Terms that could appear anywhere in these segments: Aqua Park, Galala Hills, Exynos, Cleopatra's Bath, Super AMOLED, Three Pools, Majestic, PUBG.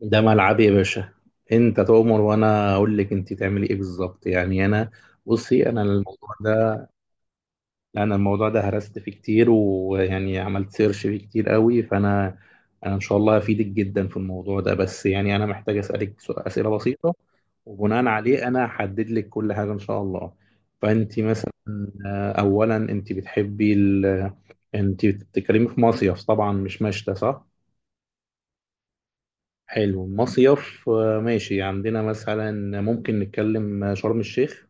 ده ملعبي يا باشا. انت تؤمر وانا اقول لك انت تعملي ايه بالظبط. يعني انا الموضوع ده هرست فيه كتير ويعني عملت سيرش فيه كتير قوي فانا ان شاء الله هفيدك جدا في الموضوع ده، بس يعني انا محتاج اسالك اسئله بسيطه وبناء عليه انا هحدد لك كل حاجه ان شاء الله. فانت مثلا، اولا انت بتحبي انت بتتكلمي في مصيف طبعا مش مشتى، صح؟ حلو، مصيف، ماشي. عندنا مثلا ممكن نتكلم شرم الشيخ.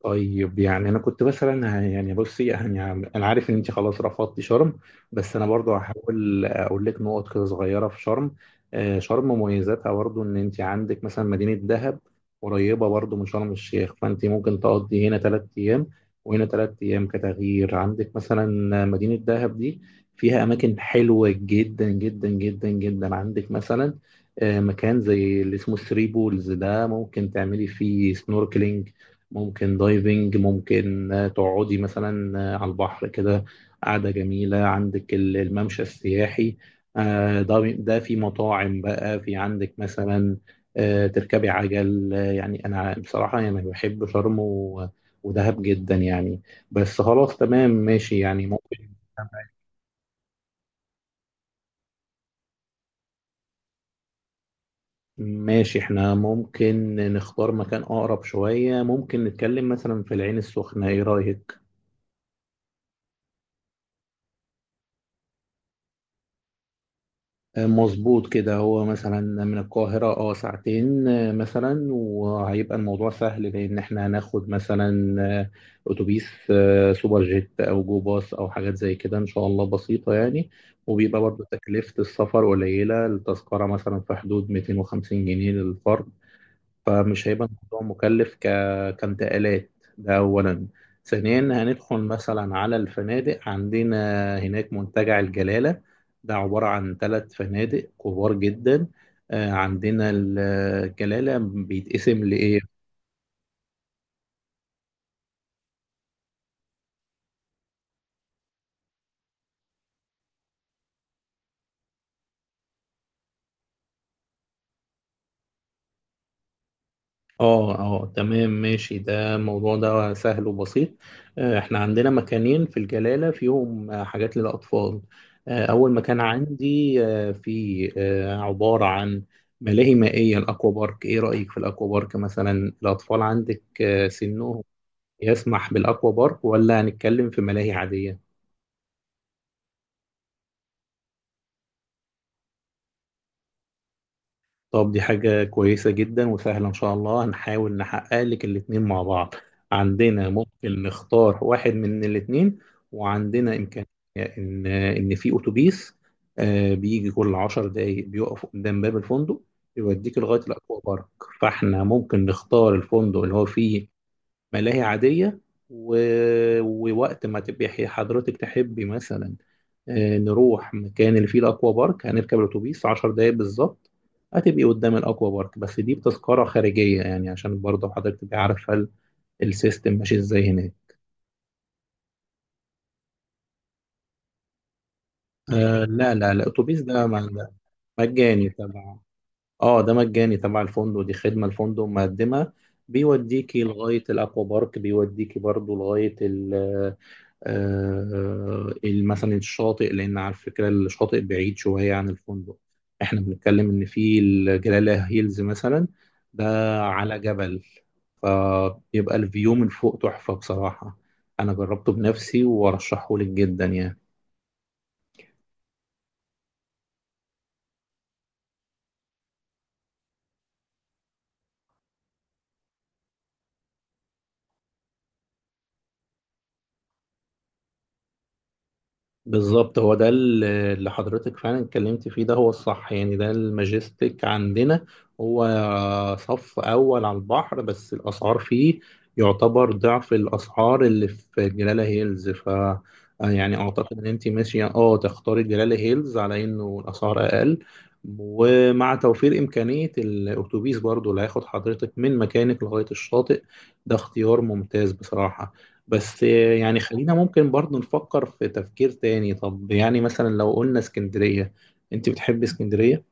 طيب يعني انا كنت مثلا بصي يعني انا عارف ان انت خلاص رفضتي شرم، بس انا برضو هحاول اقول لك نقط كده صغيره في شرم. شرم مميزاتها برضو ان انت عندك مثلا مدينه دهب قريبه برضو من شرم الشيخ، فانت ممكن تقضي هنا ثلاث ايام وهنا ثلاث ايام كتغيير. عندك مثلا مدينه دهب دي فيها اماكن حلوه جدا جدا جدا جدا. عندك مثلا مكان زي اللي اسمه ثري بولز، ده ممكن تعملي فيه سنوركلينج، ممكن دايفنج، ممكن تقعدي مثلا على البحر كده قعدة جميلة. عندك الممشى السياحي، ده في مطاعم بقى. في عندك مثلا تركبي عجل. يعني أنا بصراحة يعني بحب شرم ودهب جدا يعني. بس خلاص، تمام، ماشي. يعني ممكن ماشي احنا ممكن نختار مكان أقرب شوية. ممكن نتكلم مثلا في العين السخنة، ايه رأيك؟ مظبوط كده. هو مثلا من القاهرة اه ساعتين مثلا، وهيبقى الموضوع سهل لأن احنا هناخد مثلا أتوبيس سوبر جيت أو جو باص أو حاجات زي كده، إن شاء الله بسيطة يعني. وبيبقى برضو تكلفة السفر قليلة، التذكرة مثلا في حدود 250 جنيه للفرد، فمش هيبقى الموضوع كانتقالات. ده أولا. ثانيا هندخل مثلا على الفنادق. عندنا هناك منتجع الجلالة، ده عبارة عن ثلاث فنادق كبار جدا. عندنا الجلالة بيتقسم. اه اه تمام ماشي، ده الموضوع ده سهل وبسيط. احنا عندنا مكانين في الجلالة فيهم حاجات للأطفال. أول مكان عندي آه، في آه، عبارة عن ملاهي مائية، الأكوا بارك. إيه رأيك في الأكوا بارك مثلا؟ الأطفال عندك سنهم يسمح بالأكوا بارك ولا هنتكلم في ملاهي عادية؟ طب دي حاجة كويسة جدا وسهلة، إن شاء الله هنحاول نحقق لك الاتنين مع بعض. عندنا ممكن نختار واحد من الاتنين، وعندنا إمكانية إن في أتوبيس بيجي كل عشر دقايق بيقف قدام باب الفندق يوديك لغاية الأكوا بارك. فإحنا ممكن نختار الفندق اللي هو فيه ملاهي عادية و... ووقت ما تبقي حضرتك تحبي مثلا نروح مكان اللي فيه الأكوا بارك، هنركب الأتوبيس عشر دقايق بالظبط، هتبقي قدام الأكوا بارك. بس دي بتذكرة خارجية يعني، عشان برضه حضرتك تبقي عارفة السيستم ماشي ازاي هناك. آه لا لا لا، الأتوبيس ده ده مجاني تبع، اه ده مجاني تبع الفندق، دي خدمة الفندق مقدمها، بيوديكي لغاية الأكوا بارك، بيوديكي برضه لغاية مثلا الشاطئ. لان على فكره الشاطئ بعيد شويه عن الفندق، احنا بنتكلم ان في الجلاله هيلز مثلا ده على جبل، فبيبقى الفيو من فوق تحفه بصراحه. انا جربته بنفسي وارشحه لك جدا يعني. بالظبط، هو ده اللي حضرتك فعلا اتكلمت فيه، ده هو الصح يعني. ده الماجستيك عندنا، هو صف أول على البحر بس الأسعار فيه يعتبر ضعف الأسعار اللي في جلالة هيلز. ف يعني أعتقد إن أنت ماشية أه تختاري جلالة هيلز على إنه الأسعار أقل، ومع توفير إمكانية الأتوبيس برضو اللي هياخد حضرتك من مكانك لغاية الشاطئ. ده اختيار ممتاز بصراحة. بس يعني خلينا ممكن برضو نفكر في تفكير تاني. طب يعني مثلا لو قلنا اسكندرية، انت بتحب اسكندرية؟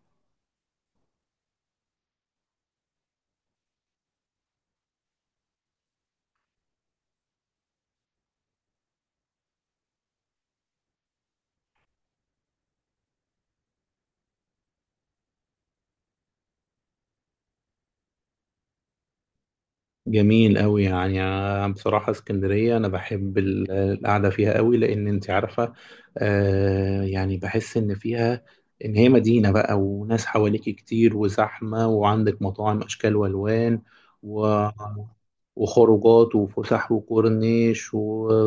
جميل قوي. يعني أنا بصراحة اسكندرية أنا بحب القعدة فيها قوي، لأن أنت عارفة آه يعني بحس إن فيها إن هي مدينة بقى، وناس حواليكي كتير وزحمة، وعندك مطاعم أشكال وألوان و... وخروجات وفسح وكورنيش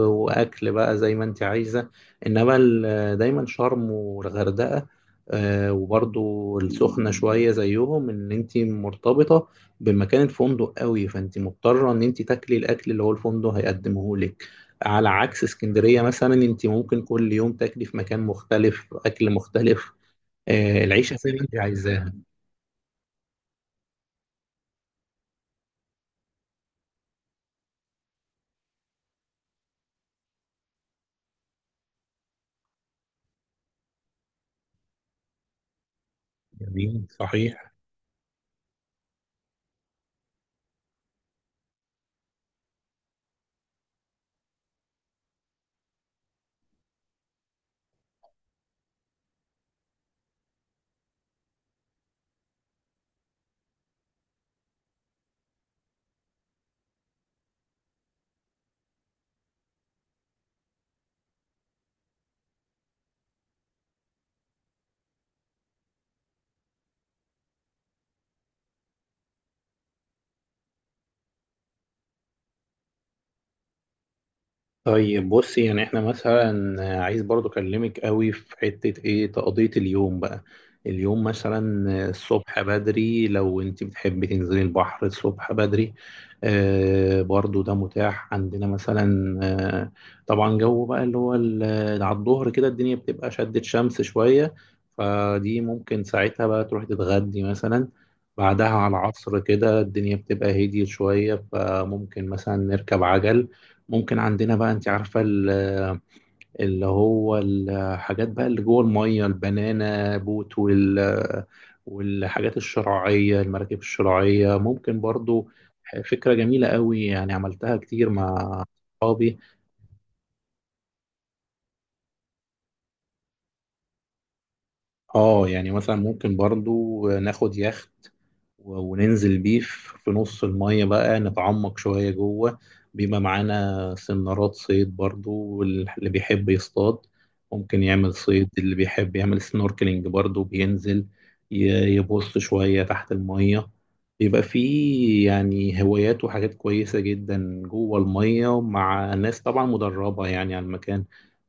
وأكل بقى زي ما أنت عايزة. إنما دايما شرم والغردقة آه وبرضو السخنة شوية زيهم، إن أنت مرتبطة بمكان الفندق قوي، فانت مضطره ان انت تاكلي الاكل اللي هو الفندق هيقدمه لك. على عكس اسكندريه مثلا، انت ممكن كل يوم تاكلي في مكان مختلف اكل مختلف، آه العيشه زي ما انت عايزاها. جميل، صحيح. طيب بصي يعني احنا مثلا عايز برضو اكلمك قوي في حتة ايه تقضية اليوم بقى. اليوم مثلا الصبح بدري لو انت بتحبي تنزلي البحر الصبح بدري، برضو ده متاح عندنا مثلا. آه طبعا جو بقى اللي هو على الظهر كده الدنيا بتبقى شدت شمس شوية، فدي ممكن ساعتها بقى تروحي تتغدي مثلا. بعدها على العصر كده الدنيا بتبقى هديت شوية، فممكن مثلا نركب عجل. ممكن عندنا بقى انت عارفة اللي هو الحاجات بقى اللي جوه المية، البنانا بوت والحاجات الشراعية، المراكب الشراعية ممكن برضو. فكرة جميلة قوي، يعني عملتها كتير مع صحابي. اه يعني مثلا ممكن برضو ناخد يخت وننزل بيه في نص المية بقى، نتعمق شوية جوه. بيبقى معانا سنارات صيد برضو، واللي بيحب يصطاد ممكن يعمل صيد، اللي بيحب يعمل سنوركلينج برضو بينزل يبص شوية تحت المية. بيبقى فيه يعني هوايات وحاجات كويسة جدا جوه المية مع ناس طبعا مدربة يعني على المكان،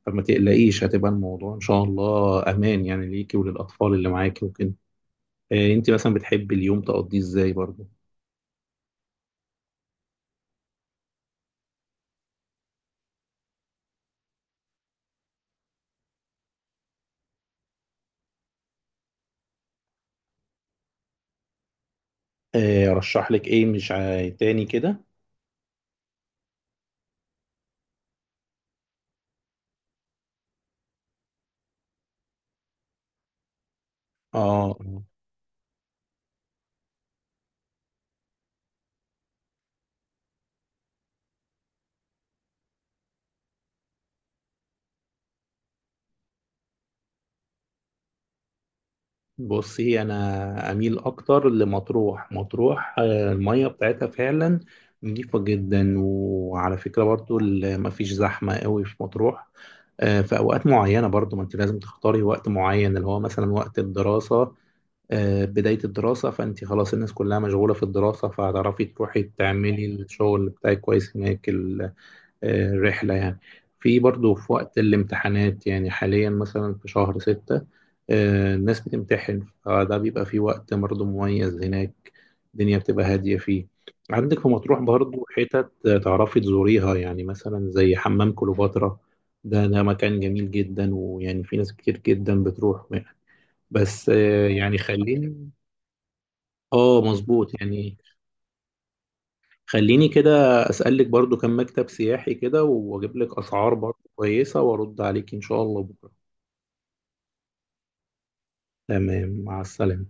فما تقلقيش هتبقى الموضوع ان شاء الله امان يعني ليكي وللاطفال اللي معاكي وكده. آه انت مثلا بتحبي اليوم تقضيه ازاي برضه؟ آه رشح لك ايه مش عاي- تاني كده. اه آه. بصي انا اميل اكتر لمطروح. مطروح آه الميه بتاعتها فعلا نضيفة جدا، وعلى فكرة برضو مفيش زحمة قوي في مطروح في أوقات معينة برضو، ما أنت لازم تختاري وقت معين اللي هو مثلا وقت الدراسة، بداية الدراسة، فأنت خلاص الناس كلها مشغولة في الدراسة فهتعرفي تروحي تعملي الشغل بتاعك كويس هناك الرحلة يعني. في برضو في وقت الامتحانات يعني حاليا مثلا في شهر ستة، الناس بتمتحن فده بيبقى فيه وقت برضو مميز هناك، الدنيا بتبقى هادية فيه. عندك في مطروح برضو حتت تعرفي تزوريها يعني، مثلا زي حمام كليوباترا، ده مكان جميل جدا ويعني في ناس كتير جدا بتروح. بس يعني خليني، اه مظبوط يعني. خليني كده اسالك برضو كم مكتب سياحي كده واجيب لك اسعار برضو كويسه وارد عليك ان شاء الله بكره. تمام، مع السلامه.